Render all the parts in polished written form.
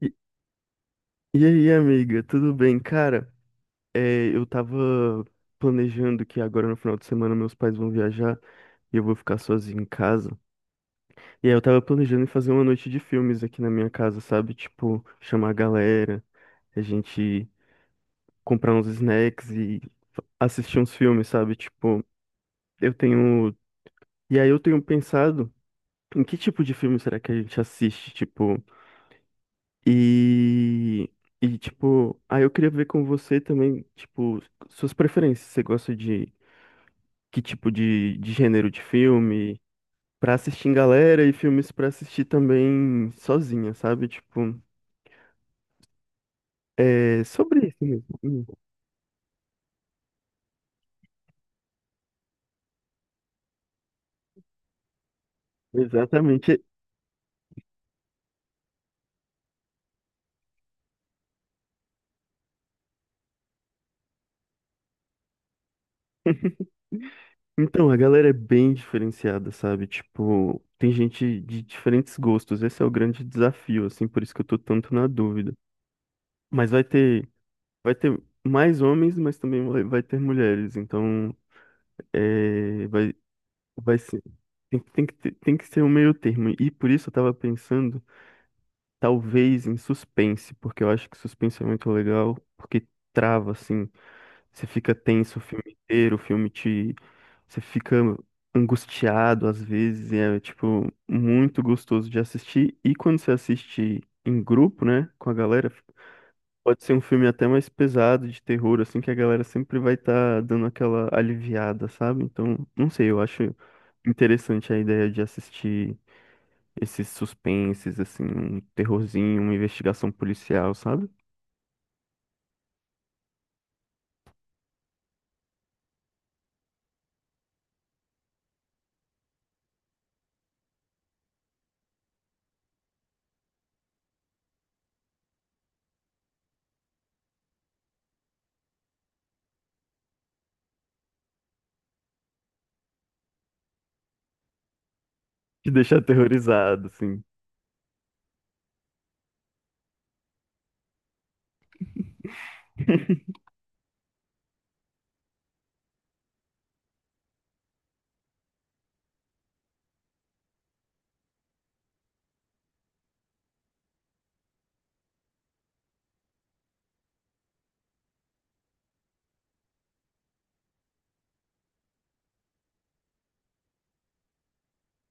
E, e aí, amiga, tudo bem? Cara, eu tava planejando que agora no final de semana meus pais vão viajar e eu vou ficar sozinho em casa. E aí eu tava planejando em fazer uma noite de filmes aqui na minha casa, sabe? Tipo, chamar a galera, a gente comprar uns snacks e assistir uns filmes, sabe? Tipo, eu tenho. E aí eu tenho pensado em que tipo de filme será que a gente assiste? Tipo. E, e tipo, aí eu queria ver com você também, tipo, suas preferências. Você gosta de que tipo de gênero de filme pra assistir em galera e filmes pra assistir também sozinha, sabe? Tipo, é sobre isso mesmo. Exatamente. Então, a galera é bem diferenciada, sabe? Tipo, tem gente de diferentes gostos. Esse é o grande desafio, assim, por isso que eu tô tanto na dúvida. Mas vai ter mais homens, mas também vai ter mulheres. Então, é, vai, vai ser. Tem que ter, tem que ser um meio termo. E por isso eu tava pensando, talvez, em suspense, porque eu acho que suspense é muito legal, porque trava, assim. Você fica tenso o filme inteiro, o filme te. Você fica angustiado às vezes, e é, tipo, muito gostoso de assistir. E quando você assiste em grupo, né, com a galera, Pode ser um filme até mais pesado de terror, assim, que a galera sempre vai estar dando aquela aliviada, sabe? Então, não sei, eu acho interessante a ideia de assistir esses suspenses, assim, um terrorzinho, uma investigação policial, sabe? Te deixa aterrorizado, assim.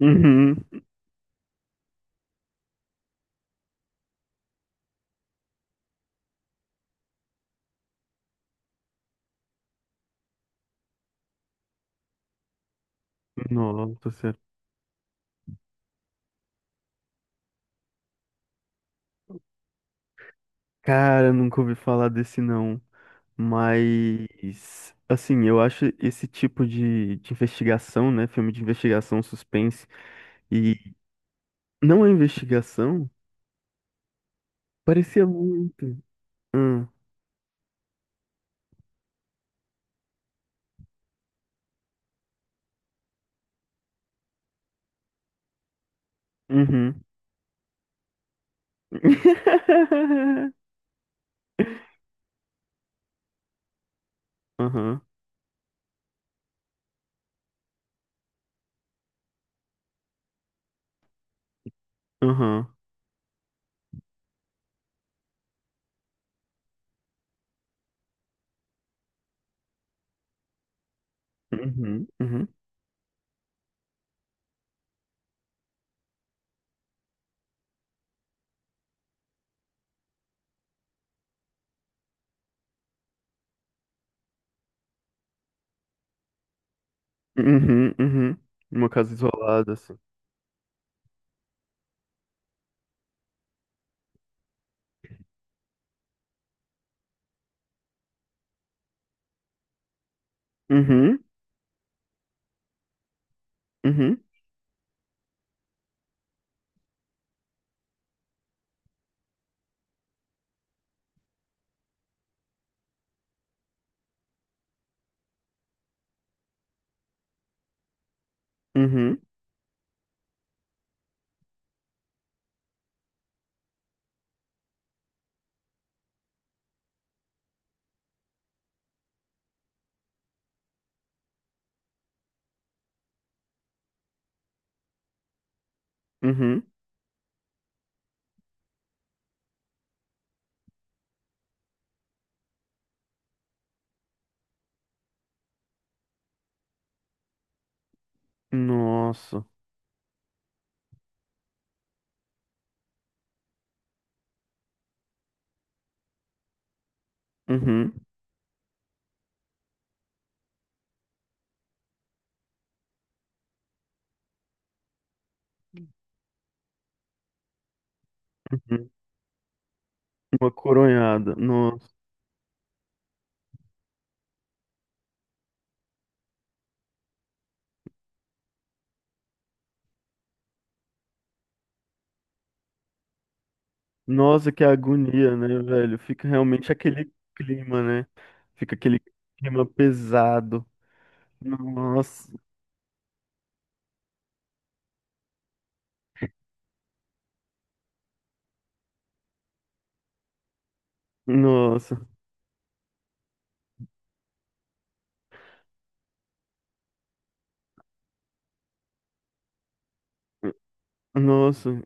Uhum. Nossa, sério. Cara, nunca ouvi falar desse não. Mas, assim, eu acho esse tipo de investigação, né? Filme de investigação, suspense. E não é investigação. Parecia muito. Hum, uhum. Uhum, uhum, uhum, uhum, uhum, uhum. Uma casa isolada, assim. Uhum, uhum, uhum, uhum. Nossa. Uhum, uhum. Uma coronhada. Nossa. Nossa, que agonia, né, velho? Fica realmente aquele clima, né? Fica aquele clima pesado. Nossa, nossa, nossa.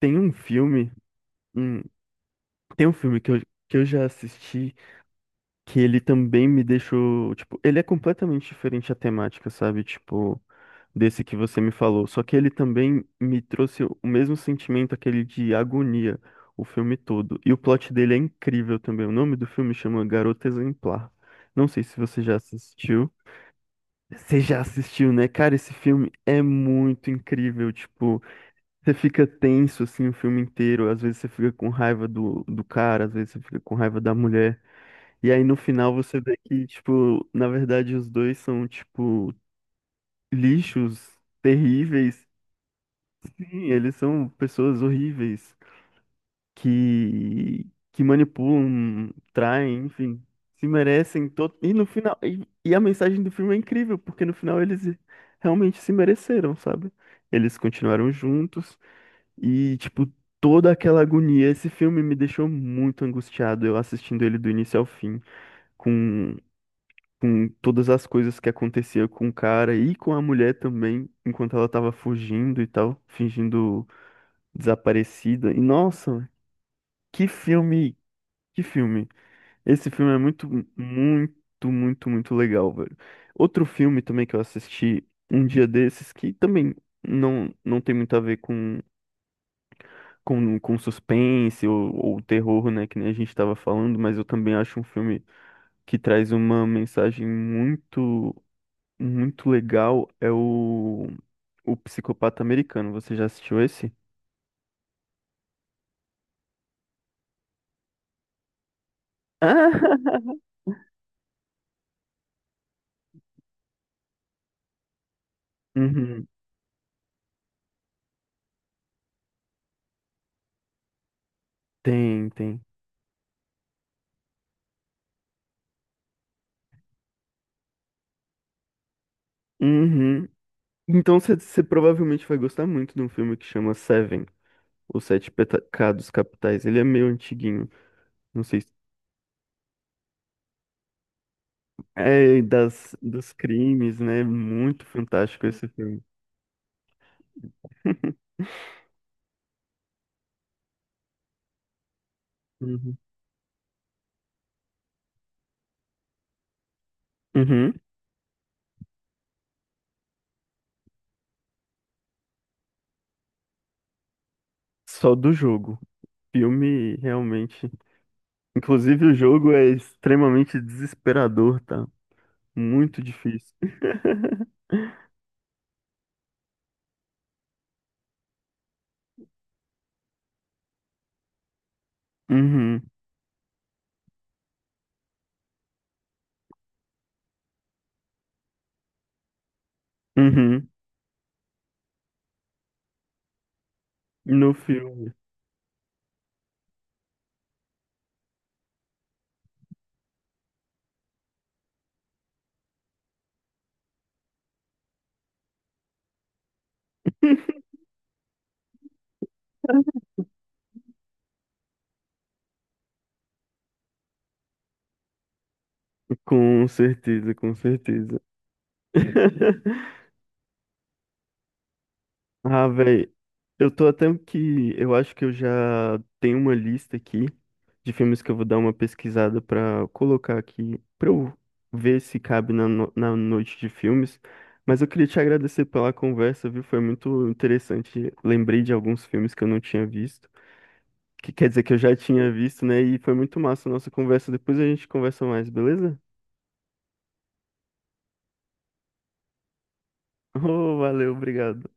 Tem um filme. Um tem um filme que eu já assisti que ele também me deixou, tipo, ele é completamente diferente a temática, sabe? Tipo, desse que você me falou. Só que ele também me trouxe o mesmo sentimento, aquele de agonia, o filme todo. E o plot dele é incrível também. O nome do filme chama Garota Exemplar. Não sei se você já assistiu. Você já assistiu, né? Cara, esse filme é muito incrível. Tipo, você fica tenso assim o filme inteiro. Às vezes você fica com raiva do cara, às vezes você fica com raiva da mulher. E aí no final você vê que, tipo, na verdade os dois são, tipo, lixos terríveis. Sim, eles são pessoas horríveis que, que manipulam, traem, enfim, se merecem todo. E no final. E a mensagem do filme é incrível, porque no final eles realmente se mereceram, sabe? Eles continuaram juntos e, tipo, toda aquela agonia. Esse filme me deixou muito angustiado, eu assistindo ele do início ao fim. Com com todas as coisas que acontecia com o cara e com a mulher também, enquanto ela tava fugindo e tal, fingindo desaparecida. E nossa, que filme, que filme. Esse filme é muito, muito, muito, muito legal, velho. Outro filme também que eu assisti um dia desses que também não tem muito a ver com com suspense ou terror, né, que nem a gente estava falando, mas eu também acho um filme que traz uma mensagem muito muito legal é o O Psicopata Americano. Você já assistiu esse? Ah! Uhum. Tem, tem. Uhum. Então você provavelmente vai gostar muito de um filme que chama Seven, Os Sete Pecados Capitais. Ele é meio antiguinho, não sei se... É, das, dos crimes, né? Muito fantástico esse filme. Uhum. Uhum. Só do jogo. Filme realmente. Inclusive, o jogo é extremamente desesperador, tá? Muito difícil. Uhum, uhum. No filme, com certeza, com certeza. Ah, velho, eu tô até que. Eu acho que eu já tenho uma lista aqui de filmes que eu vou dar uma pesquisada pra colocar aqui, pra eu ver se cabe na, na noite de filmes. Mas eu queria te agradecer pela conversa, viu? Foi muito interessante. Lembrei de alguns filmes que eu não tinha visto, que quer dizer que eu já tinha visto, né? E foi muito massa a nossa conversa. Depois a gente conversa mais, beleza? Ô, valeu, obrigado.